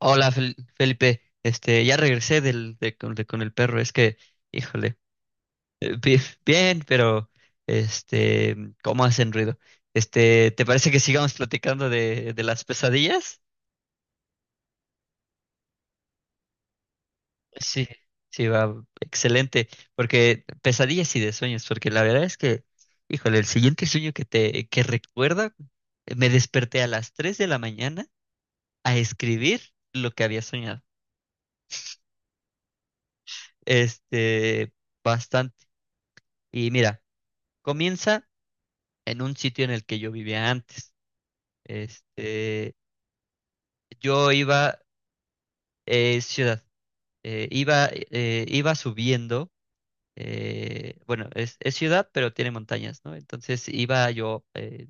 Hola, Felipe. Ya regresé del, de- con el perro. Es que, híjole, bien, pero este, ¿cómo hacen ruido? ¿Te parece que sigamos platicando de las pesadillas? Sí, sí, va, excelente. Porque pesadillas y de sueños, porque la verdad es que, híjole, el siguiente sueño que recuerda, me desperté a las 3 de la mañana a escribir lo que había soñado. Este, Bastante. Y mira, comienza en un sitio en el que yo vivía antes. Este, yo iba, ciudad, iba subiendo, bueno, es ciudad, pero tiene montañas, ¿no? Entonces iba yo eh,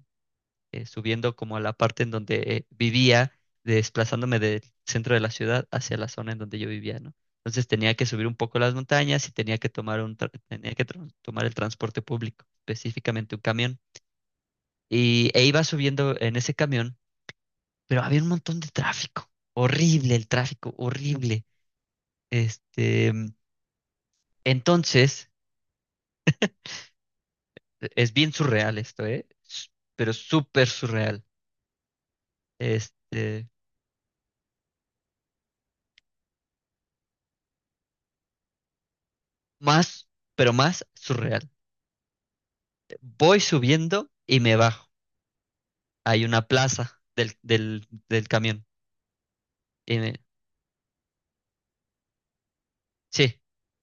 eh, subiendo como a la parte en donde vivía, desplazándome del centro de la ciudad hacia la zona en donde yo vivía, ¿no? Entonces tenía que subir un poco las montañas y tenía que tomar un tra- tenía que tra- tomar el transporte público, específicamente un camión. E iba subiendo en ese camión, pero había un montón de tráfico. Horrible el tráfico, horrible. Este, entonces, es bien surreal esto, ¿eh? Pero súper surreal. Este, más, pero más surreal. Voy subiendo y me bajo. Hay una plaza del camión. Y me- sí,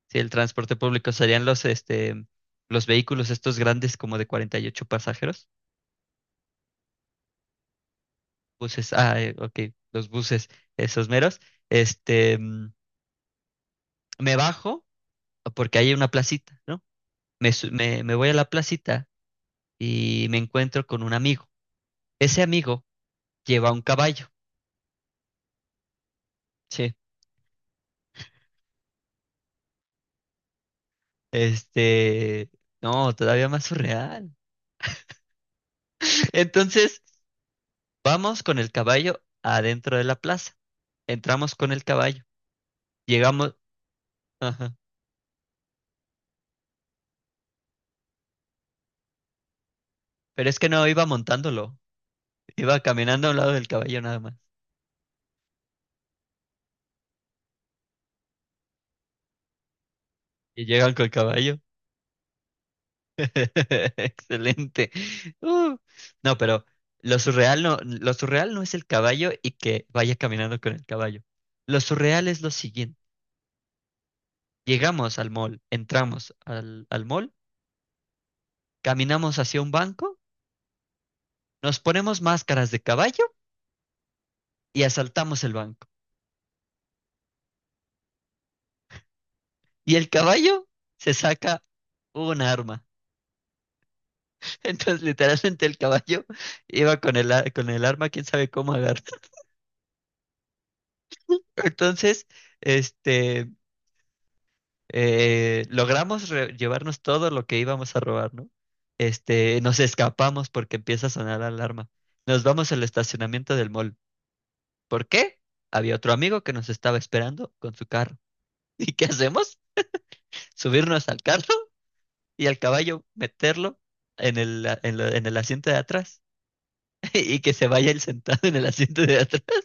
sí, el transporte público serían los vehículos estos grandes como de 48 pasajeros. Buses, ah, ok, los buses, esos meros. Este, mm, Me bajo porque hay una placita, ¿no? Me voy a la placita y me encuentro con un amigo. Ese amigo lleva un caballo. Sí. Este, no, todavía más surreal. Entonces, vamos con el caballo adentro de la plaza. Entramos con el caballo. Llegamos, ajá. Pero es que no iba montándolo, iba caminando a un lado del caballo nada más. Y llegan con el caballo. Excelente. Uh, no, pero lo surreal no es el caballo y que vaya caminando con el caballo. Lo surreal es lo siguiente. Llegamos al mall, entramos al mall, caminamos hacia un banco, nos ponemos máscaras de caballo y asaltamos el banco. Y el caballo se saca un arma. Entonces, literalmente el caballo iba con el arma, quién sabe cómo agarrar. Entonces, este... llevarnos todo lo que íbamos a robar, ¿no? Nos escapamos porque empieza a sonar la alarma. Nos vamos al estacionamiento del mall. ¿Por qué? Había otro amigo que nos estaba esperando con su carro. ¿Y qué hacemos? Subirnos al carro y al caballo meterlo en el, a- en la- en el asiento de atrás y que se vaya él sentado en el asiento de atrás.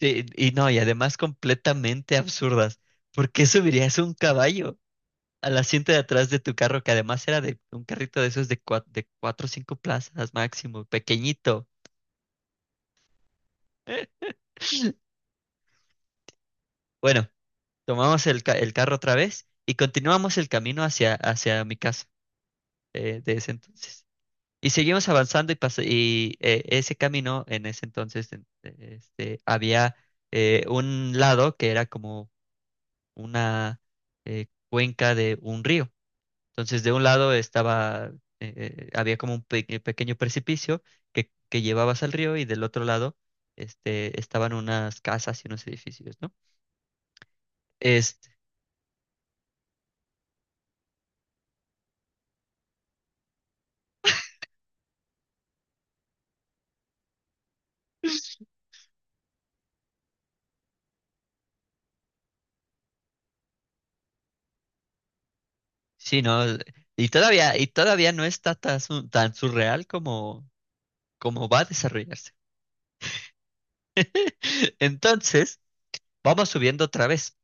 Sí, y no, y además completamente absurdas. ¿Por qué subirías un caballo al asiento de atrás de tu carro, que además era de un carrito de esos de 4 o 5 plazas máximo, pequeñito? Bueno, tomamos el carro otra vez y continuamos el camino hacia, hacia mi casa de ese entonces. Y seguimos avanzando y, pas- y ese camino en ese entonces en- este, había un lado que era como una cuenca de un río. Entonces, de un lado estaba, eh, había como un pequeño precipicio que llevabas al río y del otro lado estaban unas casas y unos edificios, ¿no? Este, sí, ¿no? Y todavía no está tan, tan surreal como como va a desarrollarse. Entonces, vamos subiendo otra vez.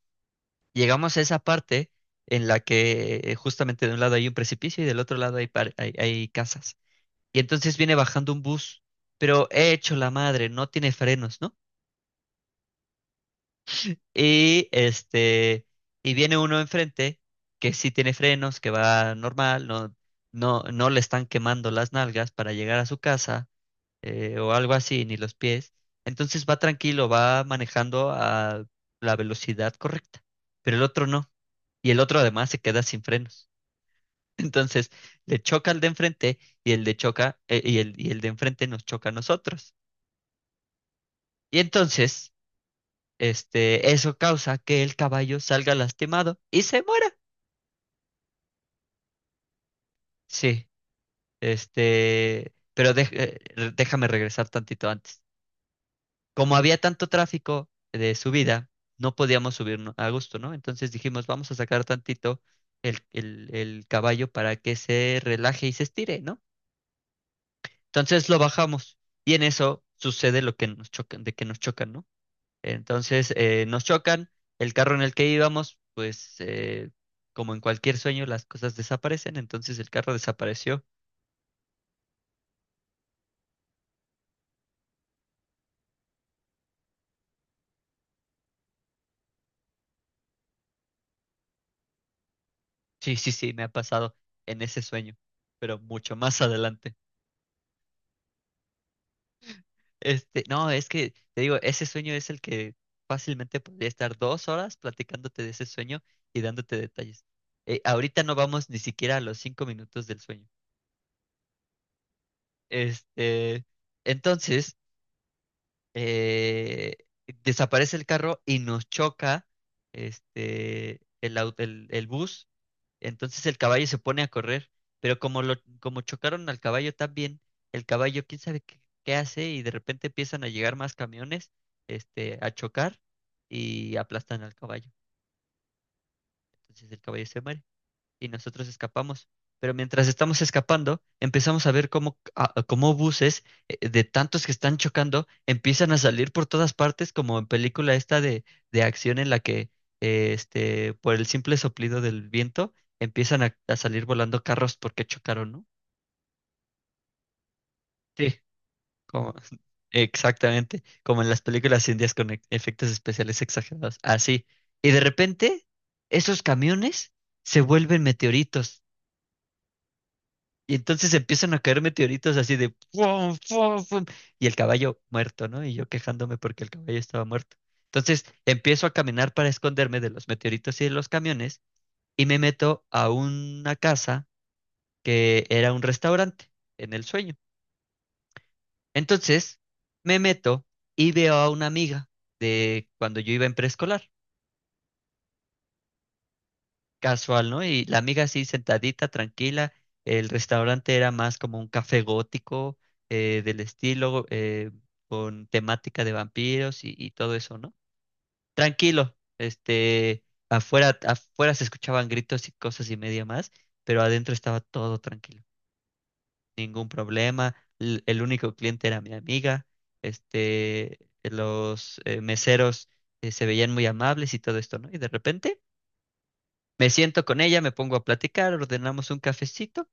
Llegamos a esa parte en la que, justamente de un lado hay un precipicio y del otro lado hay, hay casas. Y entonces viene bajando un bus, pero he hecho la madre, no tiene frenos, ¿no? Y y viene uno enfrente que sí tiene frenos, que va normal, no le están quemando las nalgas para llegar a su casa, o algo así, ni los pies. Entonces va tranquilo, va manejando a la velocidad correcta, pero el otro no. Y el otro además se queda sin frenos. Entonces le choca al de enfrente y el de enfrente nos choca a nosotros. Y entonces, eso causa que el caballo salga lastimado y se muera. Sí, déjame regresar tantito antes. Como había tanto tráfico de subida, no podíamos subir no- a gusto, ¿no? Entonces dijimos, vamos a sacar tantito el caballo para que se relaje y se estire, ¿no? Entonces lo bajamos y en eso sucede lo que nos chocan, de que nos chocan, ¿no? Entonces nos chocan, el carro en el que íbamos, pues como en cualquier sueño, las cosas desaparecen, entonces el carro desapareció. Sí, sí, sí, me ha pasado en ese sueño, pero mucho más adelante. No, es que te digo, ese sueño es el que fácilmente podría estar 2 horas platicándote de ese sueño y dándote detalles. Ahorita no vamos ni siquiera a los 5 minutos del sueño. Este, entonces, eh, Desaparece el carro y nos choca el bus. Entonces el caballo se pone a correr, pero como chocaron al caballo también, el caballo quién sabe qué hace y de repente empiezan a llegar más camiones, a chocar y aplastan al caballo. Entonces el caballo se muere y nosotros escapamos. Pero mientras estamos escapando, empezamos a ver cómo, a cómo buses, de tantos que están chocando, empiezan a salir por todas partes, como en película esta de acción en la que por el simple soplido del viento empiezan a salir volando carros porque chocaron, ¿no? Sí, como, exactamente, como en las películas indias con efectos especiales exagerados. Así. Y de repente, esos camiones se vuelven meteoritos. Y entonces empiezan a caer meteoritos así de ¡fum, fum, fum! Y el caballo muerto, ¿no? Y yo quejándome porque el caballo estaba muerto. Entonces empiezo a caminar para esconderme de los meteoritos y de los camiones y me meto a una casa que era un restaurante en el sueño. Entonces me meto y veo a una amiga de cuando yo iba en preescolar. Casual, ¿no? Y la amiga así sentadita, tranquila. El restaurante era más como un café gótico eh, del estilo, eh, con temática de vampiros y todo eso, ¿no? Tranquilo, afuera, afuera se escuchaban gritos y cosas y media más, pero adentro estaba todo tranquilo, ningún problema. El único cliente era mi amiga, este, los meseros se veían muy amables y todo esto, ¿no? Y de repente me siento con ella, me pongo a platicar, ordenamos un cafecito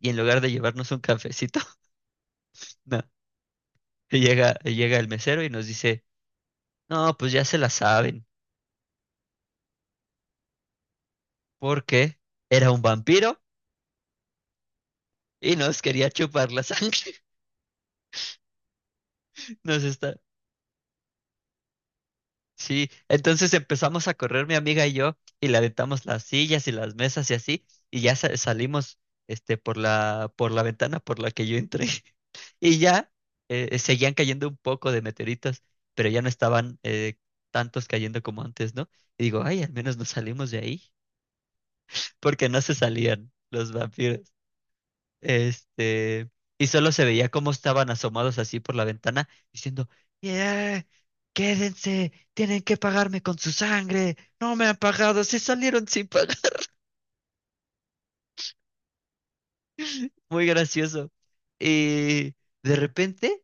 y en lugar de llevarnos un cafecito, no, llega el mesero y nos dice, no, pues ya se la saben, porque era un vampiro y nos quería chupar la sangre. Nos está... Sí, entonces empezamos a correr mi amiga y yo y le aventamos las sillas y las mesas y así y ya salimos por la ventana por la que yo entré. Y ya seguían cayendo un poco de meteoritos, pero ya no estaban tantos cayendo como antes, ¿no? Y digo, ay, al menos nos salimos de ahí, porque no se salían los vampiros. Este, y solo se veía cómo estaban asomados así por la ventana, diciendo, "Yeah, quédense, tienen que pagarme con su sangre, no me han pagado, se salieron sin pagar." Muy gracioso. Y de repente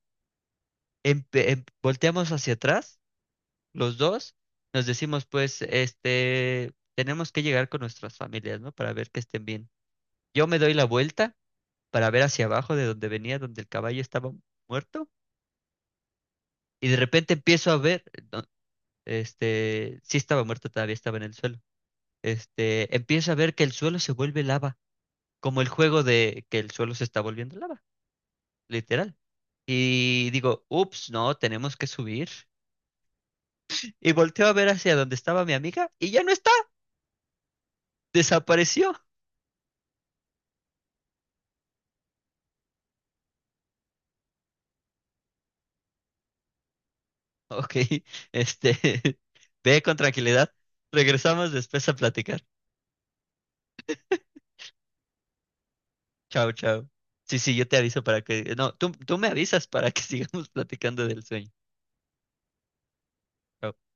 volteamos hacia atrás los dos, nos decimos, pues, tenemos que llegar con nuestras familias, ¿no? Para ver que estén bien. Yo me doy la vuelta para ver hacia abajo de donde venía, donde el caballo estaba muerto, y de repente empiezo a ver, no, sí estaba muerto, todavía estaba en el suelo. Empiezo a ver que el suelo se vuelve lava, como el juego de que el suelo se está volviendo lava, literal. Y digo, ups, no, tenemos que subir. Y volteo a ver hacia donde estaba mi amiga y ya no está, desapareció. Ok, este, ve con tranquilidad. Regresamos después a platicar. Chao, chao. Sí, sí, yo te aviso para que, no, tú me avisas para que sigamos platicando del sueño. Chao.